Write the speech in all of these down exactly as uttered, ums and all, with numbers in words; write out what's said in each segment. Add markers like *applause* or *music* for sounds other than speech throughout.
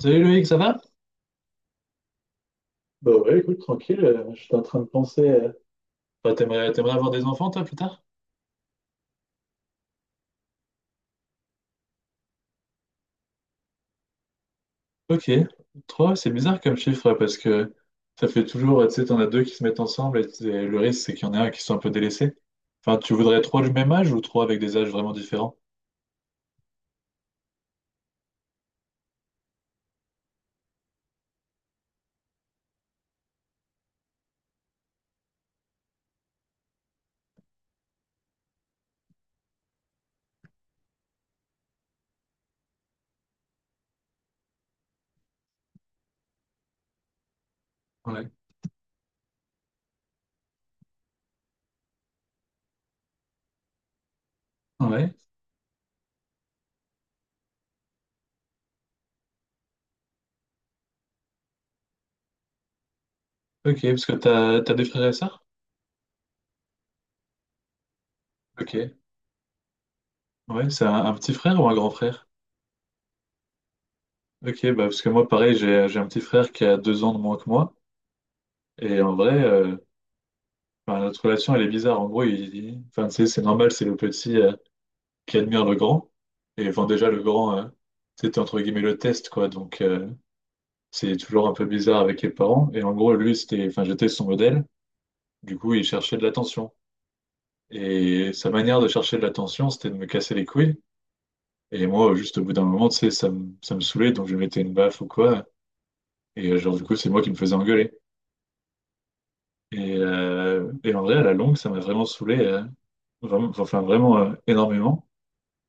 Salut Loïc, ça va? Bah ouais, écoute, tranquille, euh, je suis en train de penser. euh, Bah, t'aimerais, t'aimerais avoir des enfants, toi, plus tard? Ok. Trois, c'est bizarre comme chiffre, ouais, parce que ça fait toujours, euh, tu sais, t'en as deux qui se mettent ensemble, et c'est- le risque, c'est qu'il y en a un qui soit un peu délaissé. Enfin, tu voudrais trois du même âge ou trois avec des âges vraiment différents? Ouais. Ouais. Ok, parce que t'as, t'as des frères et sœurs? Ok. Ouais, c'est un, un petit frère ou un grand frère? Ok, bah parce que moi, pareil, j'ai j'ai un petit frère qui a deux ans de moins que moi. Et en vrai, euh, enfin, notre relation, elle est bizarre. En gros, il, il- enfin, tu sais, c'est normal, c'est le petit euh, qui admire le grand. Et enfin, déjà, le grand, euh, c'était entre guillemets le test, quoi. Donc, euh, c'est toujours un peu bizarre avec les parents. Et en gros, lui, c'était, enfin, j'étais son modèle. Du coup, il cherchait de l'attention. Et sa manière de chercher de l'attention, c'était de me casser les couilles. Et moi, juste au bout d'un moment, tu sais, ça me, ça me saoulait. Donc, je lui mettais une baffe ou quoi. Et euh, genre, du coup, c'est moi qui me faisais engueuler. Et, euh, et en vrai, à la longue, ça m'a vraiment saoulé, euh, vraiment, enfin vraiment euh, énormément.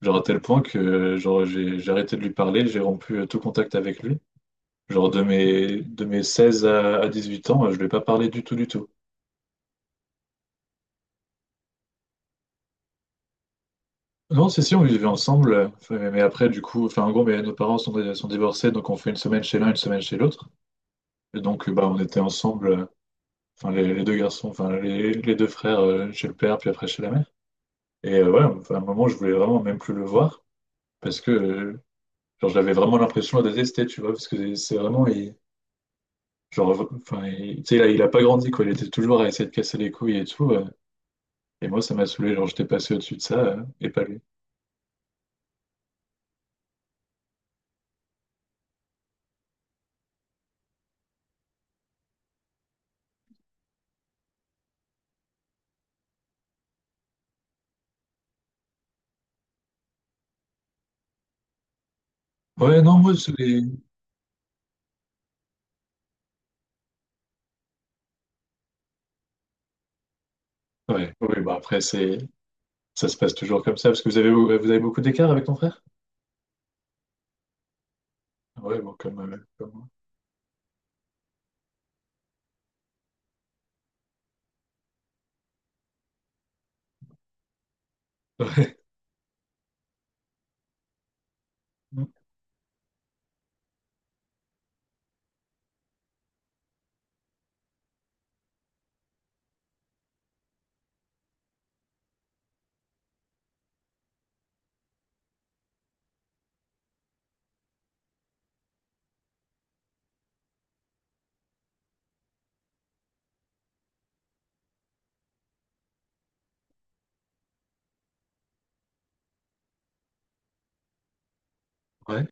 Genre à tel point que euh, genre, j'ai, j'ai arrêté de lui parler, j'ai rompu euh, tout contact avec lui. Genre de mes, de mes seize à, à dix-huit ans, euh, je ne lui ai pas parlé du tout, du tout. Non, c'est si, on vivait ensemble, euh, enfin, mais mais après, du coup, enfin en gros, mais nos parents sont, sont divorcés, donc on fait une semaine chez l'un, une semaine chez l'autre. Et donc, euh, bah, on était ensemble, euh, enfin les, les deux garçons, enfin les, les deux frères euh, chez le père, puis après chez la mère. Et euh, ouais, enfin, à un moment, je voulais vraiment même plus le voir parce que euh, Genre, j'avais vraiment l'impression de la détester, tu vois, parce que c'est vraiment. il- genre, enfin, il- tu sais, il, a il a pas grandi, quoi. Il était toujours à essayer de casser les couilles et tout. euh, Et moi, ça m'a saoulé. Genre, j'étais passé au-dessus de ça, euh, et pas lui. Ouais, non, moi, c'est. les- Ouais, oui, bah après, c'est. Ça se passe toujours comme ça, parce que vous avez, vous avez beaucoup d'écart avec ton frère? Ouais, bon, comme, euh, comme moi. *laughs* Ouais,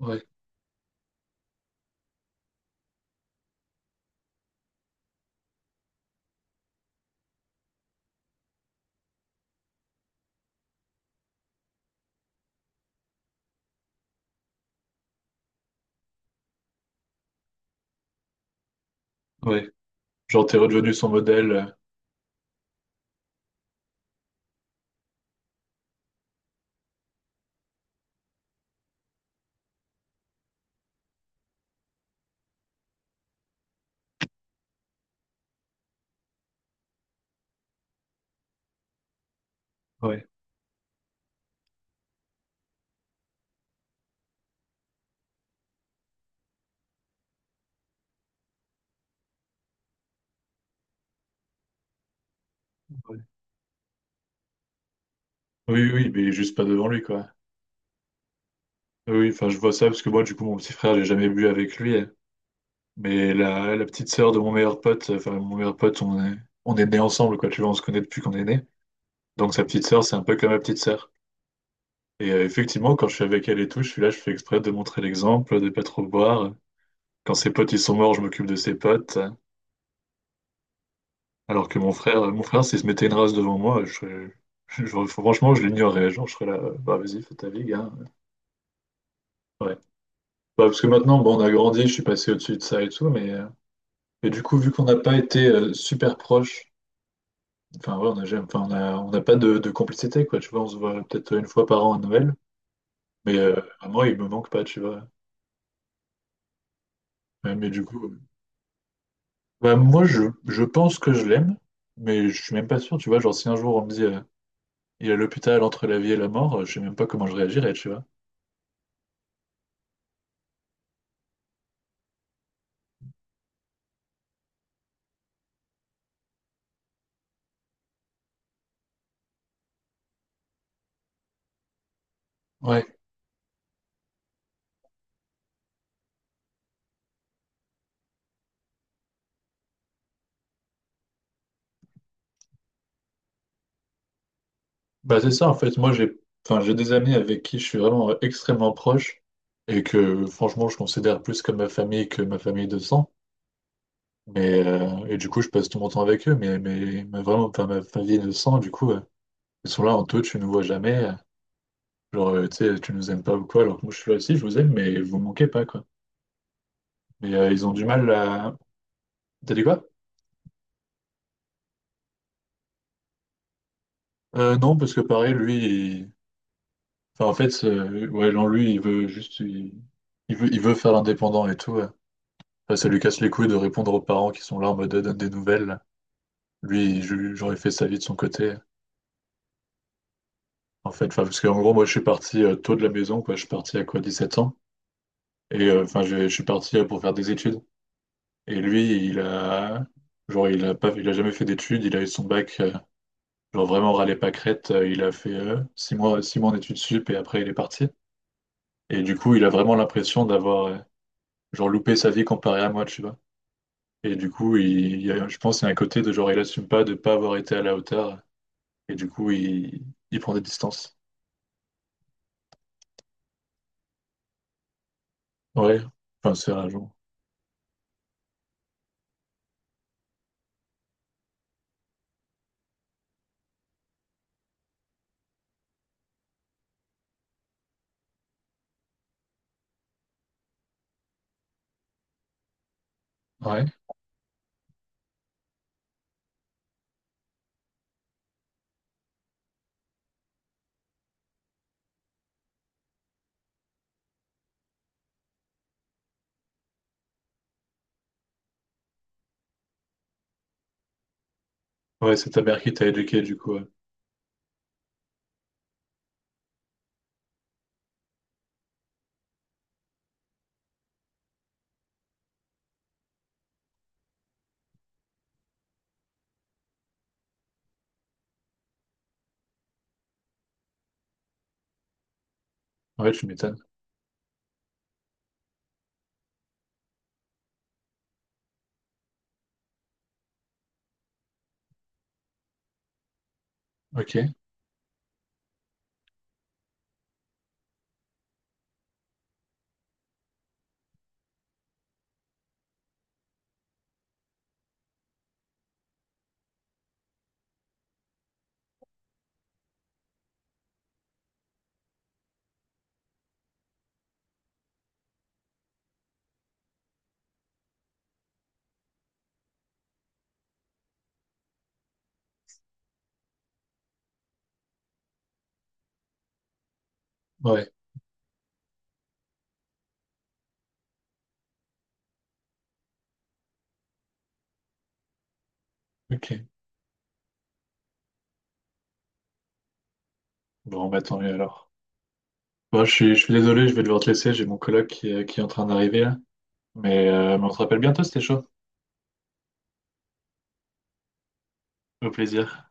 ouais, ouais. Ouais. Genre, t'es redevenu son modèle. euh, Ouais, ouais. Oui, oui, mais juste pas devant lui, quoi. Oui, enfin, je vois ça parce que moi, du coup, mon petit frère, j'ai jamais bu avec lui. euh, Mais la, la petite sœur de mon meilleur pote, enfin mon meilleur pote, on est, on est nés ensemble, quoi, tu vois, on se connaît depuis qu'on est nés. Donc sa petite sœur, c'est un peu comme ma petite sœur. Et euh, effectivement, quand je suis avec elle et tout, je suis là, je fais exprès de montrer l'exemple, de pas trop boire. Quand ses potes, ils sont morts, je m'occupe de ses potes. Alors que mon frère, mon frère, s'il se mettait une race devant moi, je, serais- je- je- franchement, je l'ignorerais. Genre, je serais là, euh, bah vas-y, fais ta vie, gars. Ouais. Bah, parce que maintenant, bon, on a grandi, je suis passé au-dessus de ça et tout, mais... euh, et du coup, vu qu'on n'a pas été euh, super proches, enfin, ouais, on n'a jamais- enfin, on a, on n'a pas de, de complicité, quoi. Tu vois, on se voit peut-être une fois par an à Noël, mais euh, à moi, il me manque pas, tu vois. Ouais, mais du coup, euh, bah, moi, je, je pense que je l'aime, mais je suis même pas sûr, tu vois. Genre, si un jour on me dit euh, il est à l'hôpital entre la vie et la mort, euh, je sais même pas comment je réagirais, tu vois. Ouais, bah, c'est ça, en fait. Moi, j'ai enfin, j'ai des amis avec qui je suis vraiment euh, extrêmement proche et que, franchement, je considère plus comme ma famille que ma famille de sang. Mais, euh, et du coup, je passe tout mon temps avec eux, mais, mais, mais vraiment, pas ma famille de sang, du coup. euh, Ils sont là en toi, tu nous vois jamais. Genre, euh, tu sais, tu nous aimes pas ou quoi, alors que moi je suis là aussi, je vous aime, mais vous me manquez pas, quoi. Mais euh, ils ont du mal à. T'as dit quoi? Euh, non, parce que pareil, lui, il- enfin, en fait, euh, ouais, non, lui, il veut juste. Il, il veut, il veut faire l'indépendant et tout. Ouais. Enfin, ça lui casse les couilles de répondre aux parents qui sont là en mode euh, donne des nouvelles. Lui, je- genre, il fait sa vie de son côté. En fait, enfin, parce qu'en gros, moi, je suis parti euh, tôt de la maison, quoi. Je suis parti à quoi, dix-sept ans. Et euh, enfin, je, je suis parti euh, pour faire des études. Et lui, il a, genre, il a pas, il a jamais fait d'études, il a eu son bac, euh, genre vraiment râlé pas crête, euh, il a fait euh, six mois, six mois en études sup et après il est parti. Et du coup, il a vraiment l'impression d'avoir, euh, genre, loupé sa vie comparé à moi, tu vois. Et du coup, il, il y a- je pense qu'il y a un côté de genre, il assume pas de pas avoir été à la hauteur. Et du coup, il, il prend des distances. Ouais, enfin, c'est rageant. Ouais, ouais, c'est ta mère qui t'a éduqué, du coup. Ouais. Ouais, tu m'étonnes. Ok, ouais, ok. Bon, bah tant mieux alors. Bon, je suis, je suis désolé, je vais devoir te laisser, j'ai mon coloc qui, est- qui est en train d'arriver là. Mais, euh, mais on se rappelle bientôt, c'était chaud. Au plaisir.